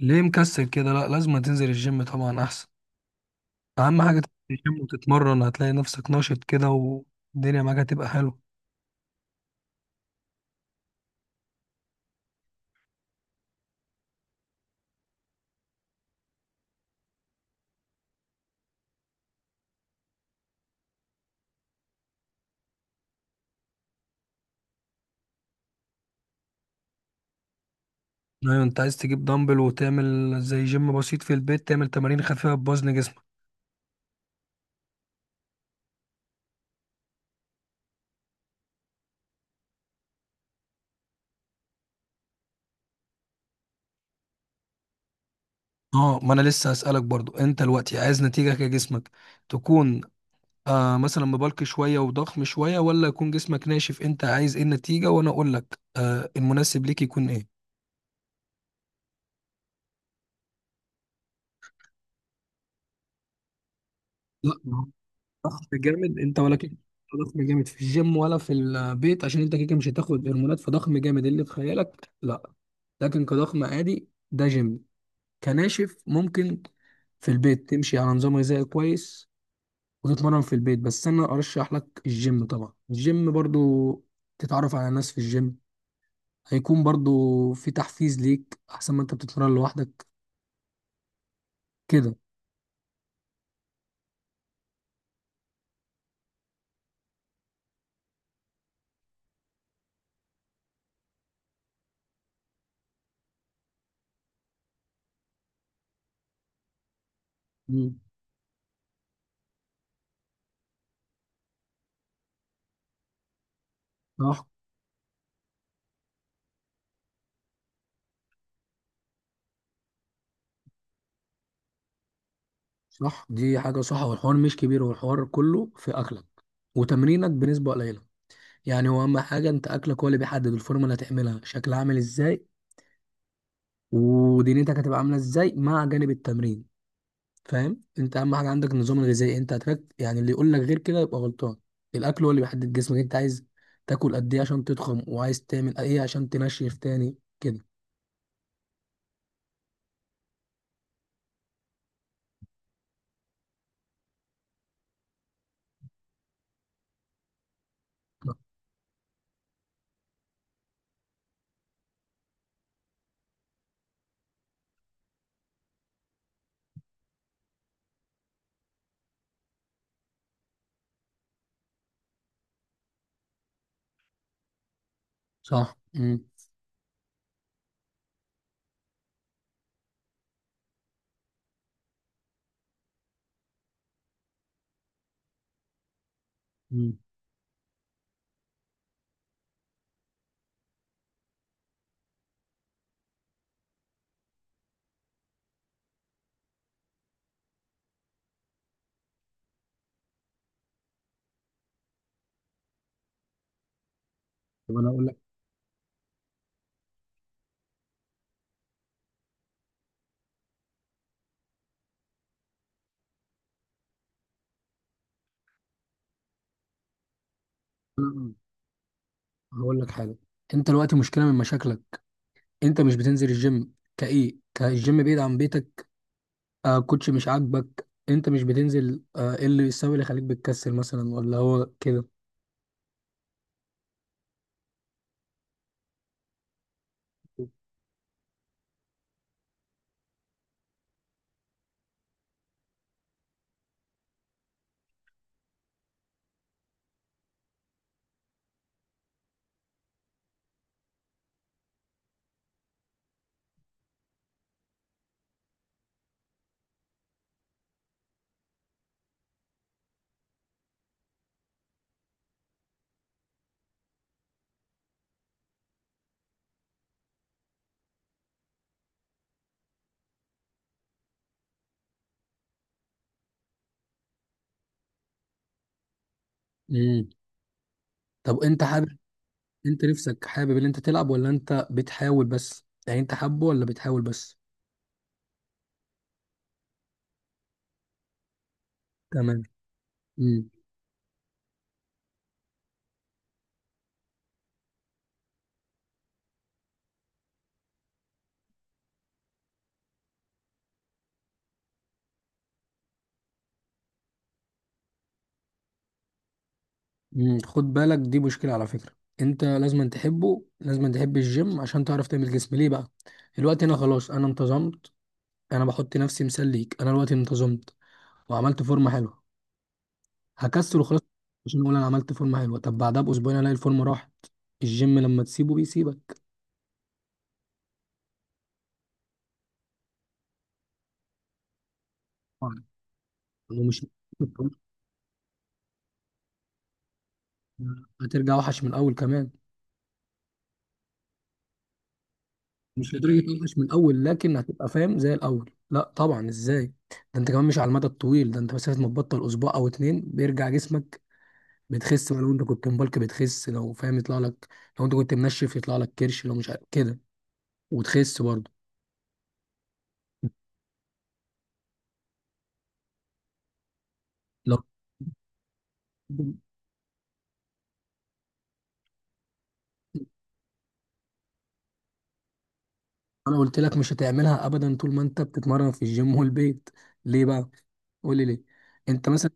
ليه مكسل كده؟ لا، لازم تنزل الجيم طبعا احسن. اهم حاجه تنزل الجيم وتتمرن، هتلاقي نفسك ناشط كده والدنيا معاك هتبقى حلوه. ايوه، انت عايز تجيب دمبل وتعمل زي جيم بسيط في البيت، تعمل تمارين خفيفه بوزن جسمك. اه، ما انا لسه هسألك برضو، انت دلوقتي عايز نتيجه كجسمك تكون مثلا مبالك شويه وضخم شويه، ولا يكون جسمك ناشف؟ انت عايز ايه النتيجه وانا اقول لك المناسب ليك يكون ايه. لا، ضغط جامد انت ولا كيك؟ ضخم جامد في الجيم ولا في البيت؟ عشان انت كيكه، مش هتاخد هرمونات، فضخم جامد اللي في خيالك لا. لكن كضخم عادي ده جيم. كناشف ممكن في البيت تمشي على نظام غذائي كويس وتتمرن في البيت، بس انا ارشح لك الجيم طبعا. الجيم برضو تتعرف على ناس في الجيم، هيكون برضو في تحفيز ليك احسن ما انت بتتمرن لوحدك كده. مم. صح. صح، دي حاجة صح، والحوار مش كبير، والحوار كله في اكلك وتمرينك بنسبة قليلة. يعني هو اهم حاجه انت اكلك، هو اللي بيحدد الفورمه اللي هتعملها شكلها عامل ازاي ودنيتك هتبقى عامله ازاي، مع جانب التمرين. فاهم؟ انت اهم حاجه عندك النظام الغذائي، انت هترك يعني، اللي يقول لك غير كده يبقى غلطان. الاكل هو اللي بيحدد جسمك، انت عايز تاكل قد ايه عشان تضخم، وعايز تعمل ايه عشان تنشف تاني كده. صح. امم طب انا اقول لك. أنا هقول لك حاجه، انت دلوقتي مشكله من مشاكلك، انت مش بتنزل الجيم كايه كالجيم بعيد عن بيتك؟ كوتش مش عاجبك انت مش بتنزل؟ ايه اللي السبب اللي خليك بتكسل مثلا، ولا هو كده؟ امم طب انت حابب، انت نفسك حابب ان انت تلعب، ولا انت بتحاول بس؟ يعني انت حابه ولا بتحاول بس؟ تمام. امم خد بالك، دي مشكلة على فكرة. انت لازم تحبه، لازم تحب الجيم عشان تعرف تعمل جسم ليه بقى. الوقت هنا خلاص انا انتظمت. انا بحط نفسي مثال ليك، انا الوقت انتظمت وعملت فورمة حلوة. هكسل وخلاص عشان اقول انا عملت فورمه حلوه؟ طب بعدها باسبوعين الاقي الفورمه راحت. الجيم لما تسيبه بيسيبك. طبعاً. ومش هترجع وحش من الاول كمان. مش لدرجه وحش من الاول، لكن هتبقى فاهم زي الاول لا طبعا، ازاي؟ ده انت كمان مش على المدى الطويل، ده انت مسافه ما تبطل اسبوع او اتنين بيرجع جسمك. بتخس بقى، لو انت كنت مبالك بتخس، لو فاهم يطلع لك، لو انت كنت منشف يطلع لك كرش، لو مش كده، وتخس برضه. لو انا قلت لك، مش هتعملها ابدا طول ما انت بتتمرن في الجيم والبيت. ليه بقى؟ قول لي ليه. انت مثلا،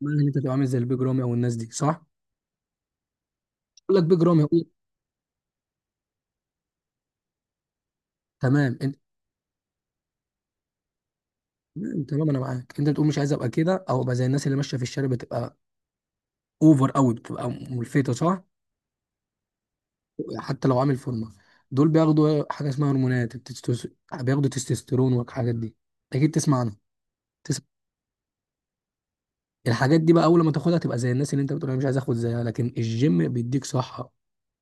ما انت تبقى عامل زي البيج رامي او الناس دي، صح؟ يقول لك بيج رامي، يقول لك تمام انت. تمام تمام، انا معاك، انت بتقول مش عايز ابقى كده او ابقى زي الناس اللي ماشيه في الشارع، بتبقى اوفر قوي، بتبقى ملفته، صح؟ حتى لو عامل فورمه، دول بياخدوا حاجه اسمها هرمونات بياخدوا تستوستيرون والحاجات دي، اكيد تسمع عنها. الحاجات دي بقى اول ما تاخدها تبقى زي الناس اللي انت بتقول انا مش عايز اخد زيها. لكن الجيم بيديك صحة،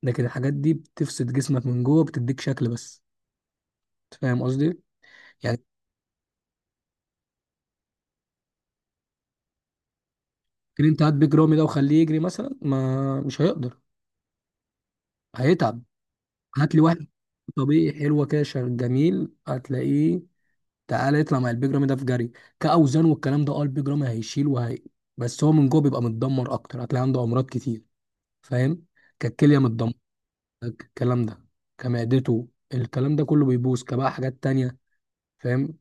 لكن الحاجات دي بتفسد جسمك من جوه، بتديك شكل بس. أنت فاهم قصدي؟ يعني ممكن انت هات بيج رامي ده وخليه يجري مثلا، ما مش هيقدر، هيتعب. هات لي واحد طبيعي حلوة كده جميل، هتلاقيه. تعالى يطلع مع البيج رامي ده في جري كأوزان والكلام ده، اه البيج رامي هيشيل، وهي بس هو من جوه بيبقى متدمر اكتر، هتلاقي عنده امراض كتير. فاهم؟ كالكلية متدمرة، الكلام ده، كمعدته، الكلام ده كله بيبوظ، كبقى حاجات تانية. فاهم؟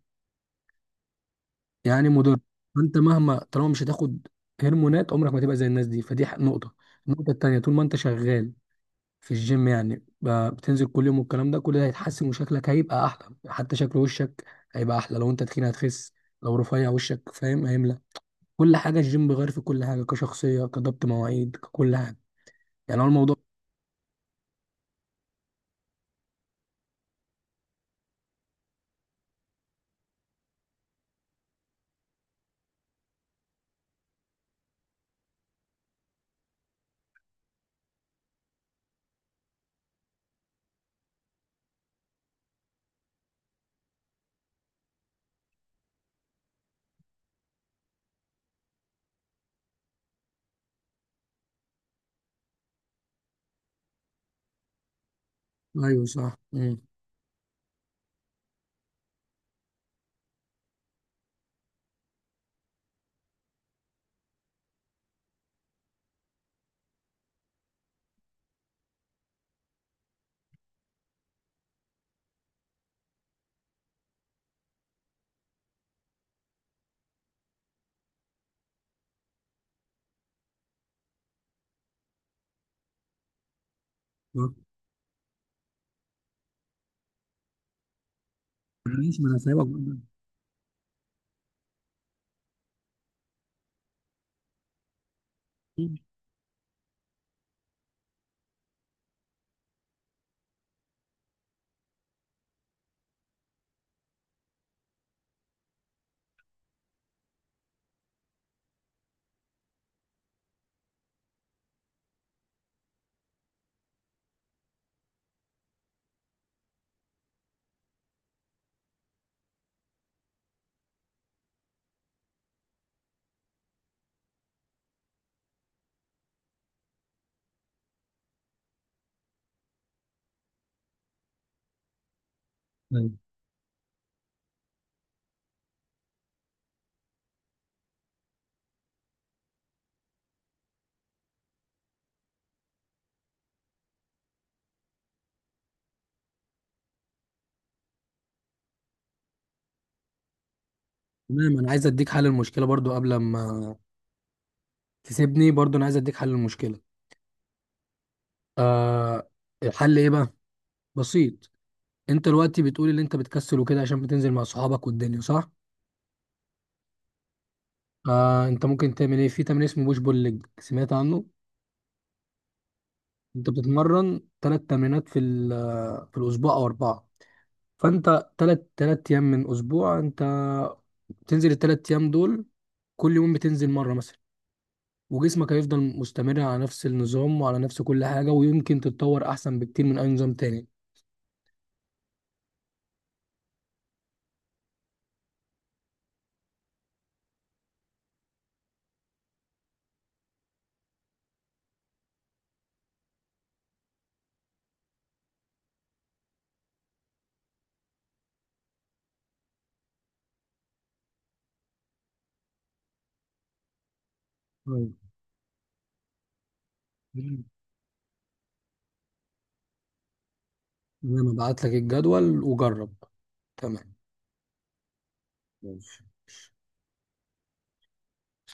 يعني مضر. فانت مهما، طالما مش هتاخد هرمونات عمرك ما تبقى زي الناس دي، فدي نقطة. النقطة التانية، طول ما انت شغال في الجيم يعني، بتنزل كل يوم والكلام ده، كل ده هيتحسن وشكلك هيبقى احلى، حتى شكل وشك هيبقى احلى، لو انت تخين هتخس، لو رفيع وشك فاهم هيملى. كل حاجة الجيم بيغير في كل حاجة، كشخصية، كضبط مواعيد، ككل حاجة، يعني هو الموضوع. ايوه، صح. معلش، ما انا سايبك بقى. مم. أيوة. تمام، انا عايز اديك حل المشكله برضو قبل ما تسيبني، برضو انا عايز اديك حل المشكله. آه، الحل ايه بقى؟ بسيط. انت دلوقتي بتقول ان انت بتكسل وكده عشان بتنزل مع صحابك والدنيا، صح؟ آه، انت ممكن تعمل ايه، في تمرين اسمه بوش بول ليج، سمعت عنه؟ انت بتتمرن 3 تمرينات في في الاسبوع او اربعه، فانت ثلاث ايام من اسبوع، انت بتنزل ال3 ايام دول، كل يوم بتنزل مره مثلا، وجسمك هيفضل مستمر على نفس النظام وعلى نفس كل حاجة، ويمكن تتطور أحسن بكتير من أي نظام تاني. طيب، تمام. أنا هبعت لك الجدول وجرب. تمام ماشي.